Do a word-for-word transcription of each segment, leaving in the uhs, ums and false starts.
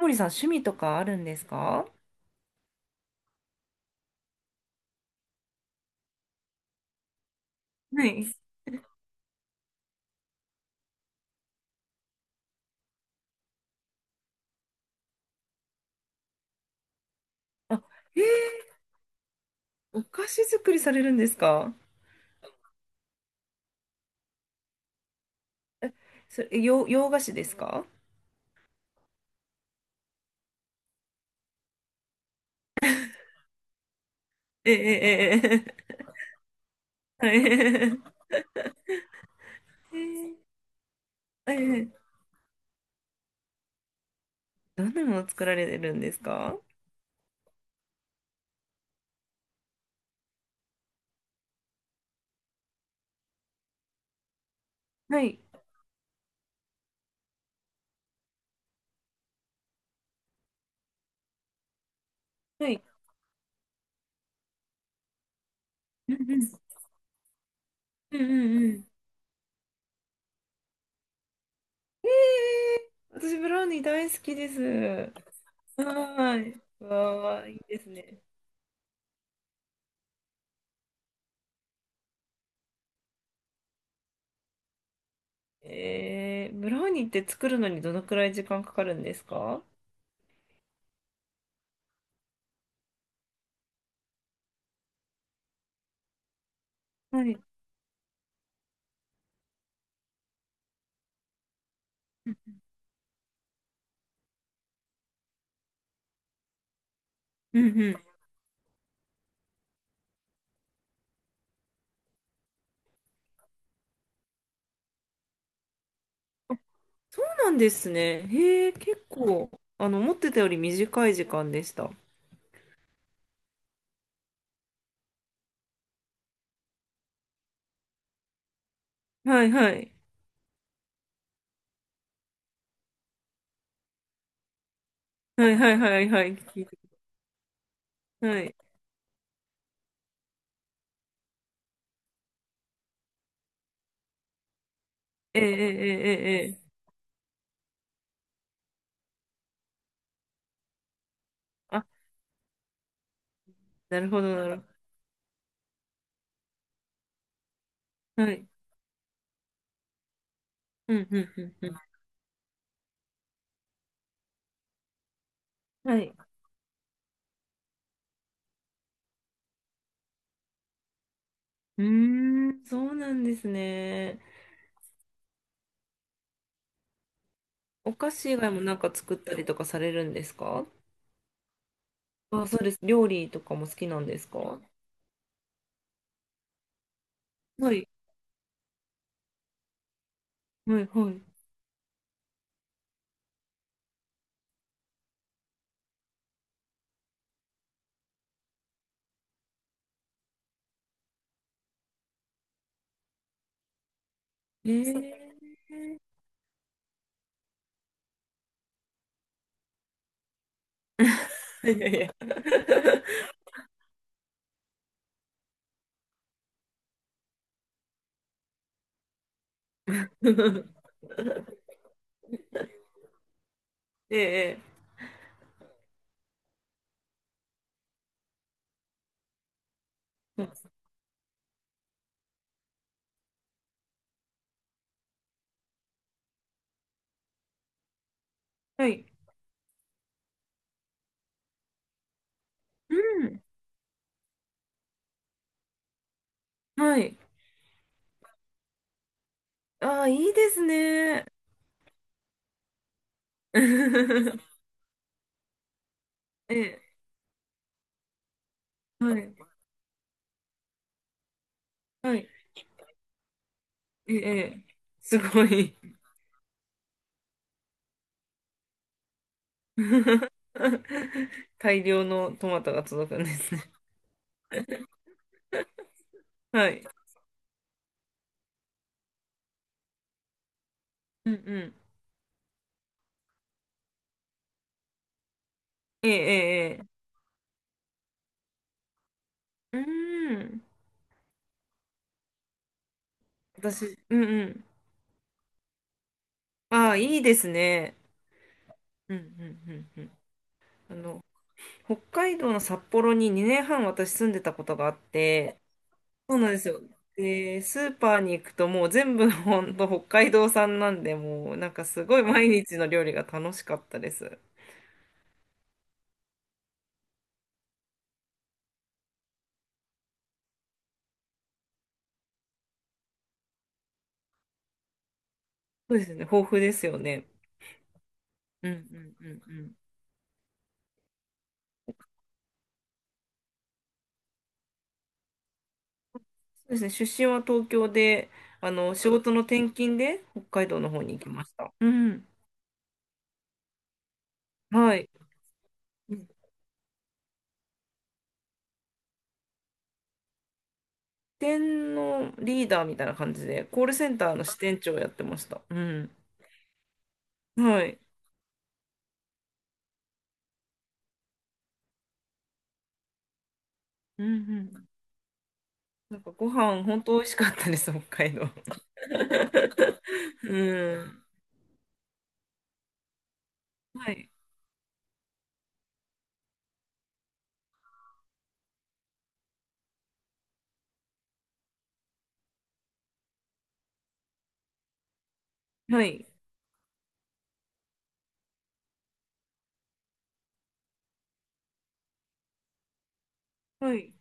森さん、趣味とかあるんですか？はい。あ、えー、お菓子作りされるんですか？それ、洋、洋菓子ですか？ええええええ、はい。えー、えー、どんなもの作られるんですか？はい。はい。うんうん。うんうんうん。えー、私、ブラウニー大好きです。はーい。わあ、いいですね。えー、ブラウニーって作るのにどのくらい時間かかるんですか？はい。うんうん、そうなんですね。へえ、結構、あの、思ってたより短い時間でした。はいはい。はいはいはいはい。聞いて、はい。ええええええ。ええ、あ、なるほどなるほど。はい。うんうんうんうん。はい。うーん、そうなんですね。お菓子以外もなんか作ったりとかされるんですか？あ、そうです。料理とかも好きなんですか？はい。はいはい。ええ、いやいやいや。ええええ、はい。うん。はい。ああ、いいですね。ええ、はい、はい、ええ、ええ すごい。大量のトマトが届くんですね。はい。うんうん。ええ、ええ、ええ、うーん。私、うんうん。ああ、いいですね。うんうんうんうん。あの、北海道の札幌ににねんはん私住んでたことがあって、そうなんですよ。で、スーパーに行くともう全部ほんと北海道産なんで、もうなんかすごい毎日の料理が楽しかったです。そうですね、豊富ですよね。うんうんうんうん。そうですね、出身は東京で、あの、仕事の転勤で北海道の方に行きました。うん。はい。支店のリーダーみたいな感じで、コールセンターの支店長をやってました。うん。はい。うんうん。なんかご飯本当美味しかったです、北海道。うん。はい。はい。はい。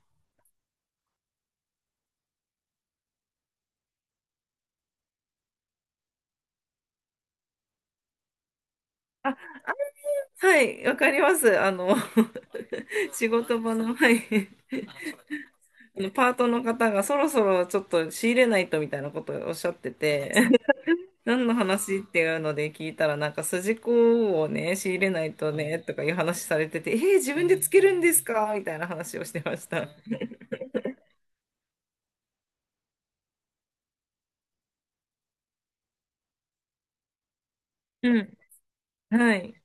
あ、あ、はい。わかります。あの、仕事場の、はい。あの、パートの方がそろそろちょっと仕入れないとみたいなことをおっしゃってて、何の話っていうので聞いたら、なんか筋子をね、仕入れないとね、とかいう話されてて、えー、自分でつけるんですかみたいな話をしてました。うん。はい。い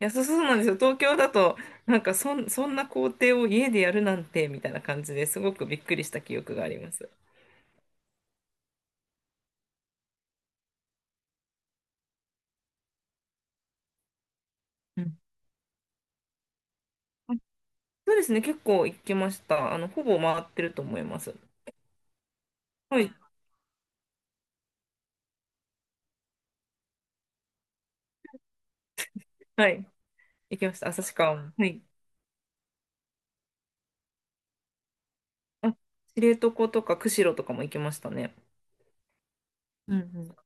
や、そうそうなんですよ。東京だと、なんかそん、そんな工程を家でやるなんて、みたいな感じですごくびっくりした記憶があります。うん、そうですね、結構行きました。あの、ほぼ回ってると思います。はい。はい。行きました。旭川も。はい。あ、知床とか釧路とかも行きましたね。うんうん。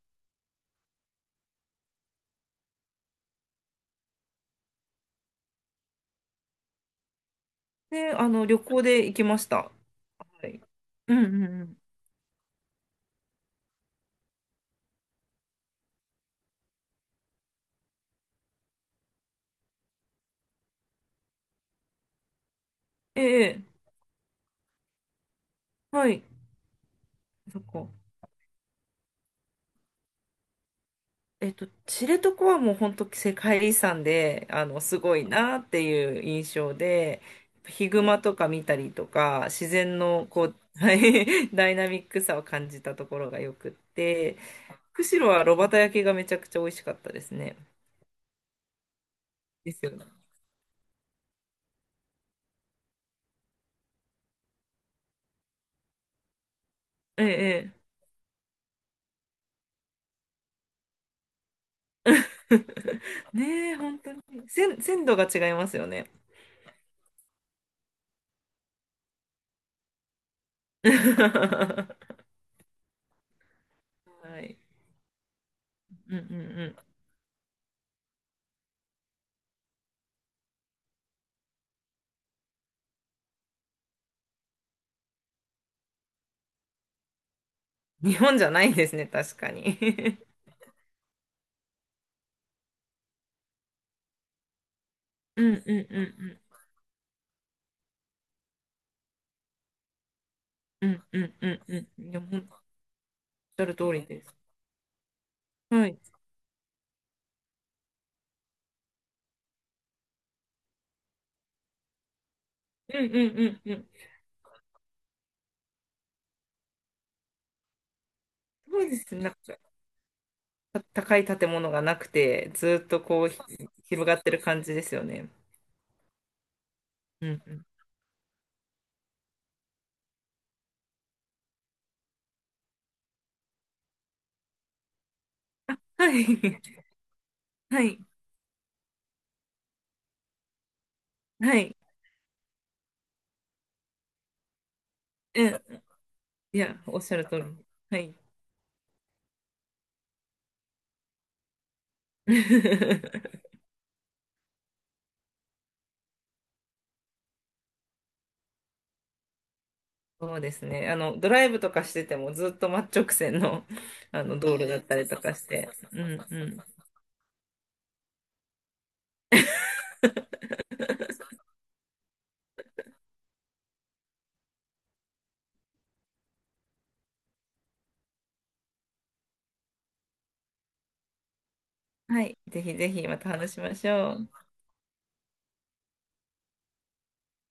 で、あの、旅行で行きました。はい。うんうんうん。ええ、はい。そっか。えっと、知床はもう本当世界遺産で、あの、すごいなっていう印象で、ヒグマとか見たりとか、自然のこう、はい ダイナミックさを感じたところがよくって、釧路は炉端焼きがめちゃくちゃ美味しかったですね。ですよね。ええ、ええ。ねえ、本当に。鮮、鮮度が違いますよね。はい。うんうんうん。日本じゃないですね、確かに。うんうんうんうんうんうんうんうん。いや、ほんとおっしゃる通りです。はい。うんうんうんうん。そうですね。なんか、た高い建物がなくて、ずーっとこう、ひ広がってる感じですよね。うんうん。はい。はい。はい。はい、うん、いや、おっしゃるだ通かり。ら、はい。そうですね。あの、ドライブとかしててもずっと真っ直線の、あの道路だったりとかして。うんうん。はい。ぜひぜひまた話しましょう。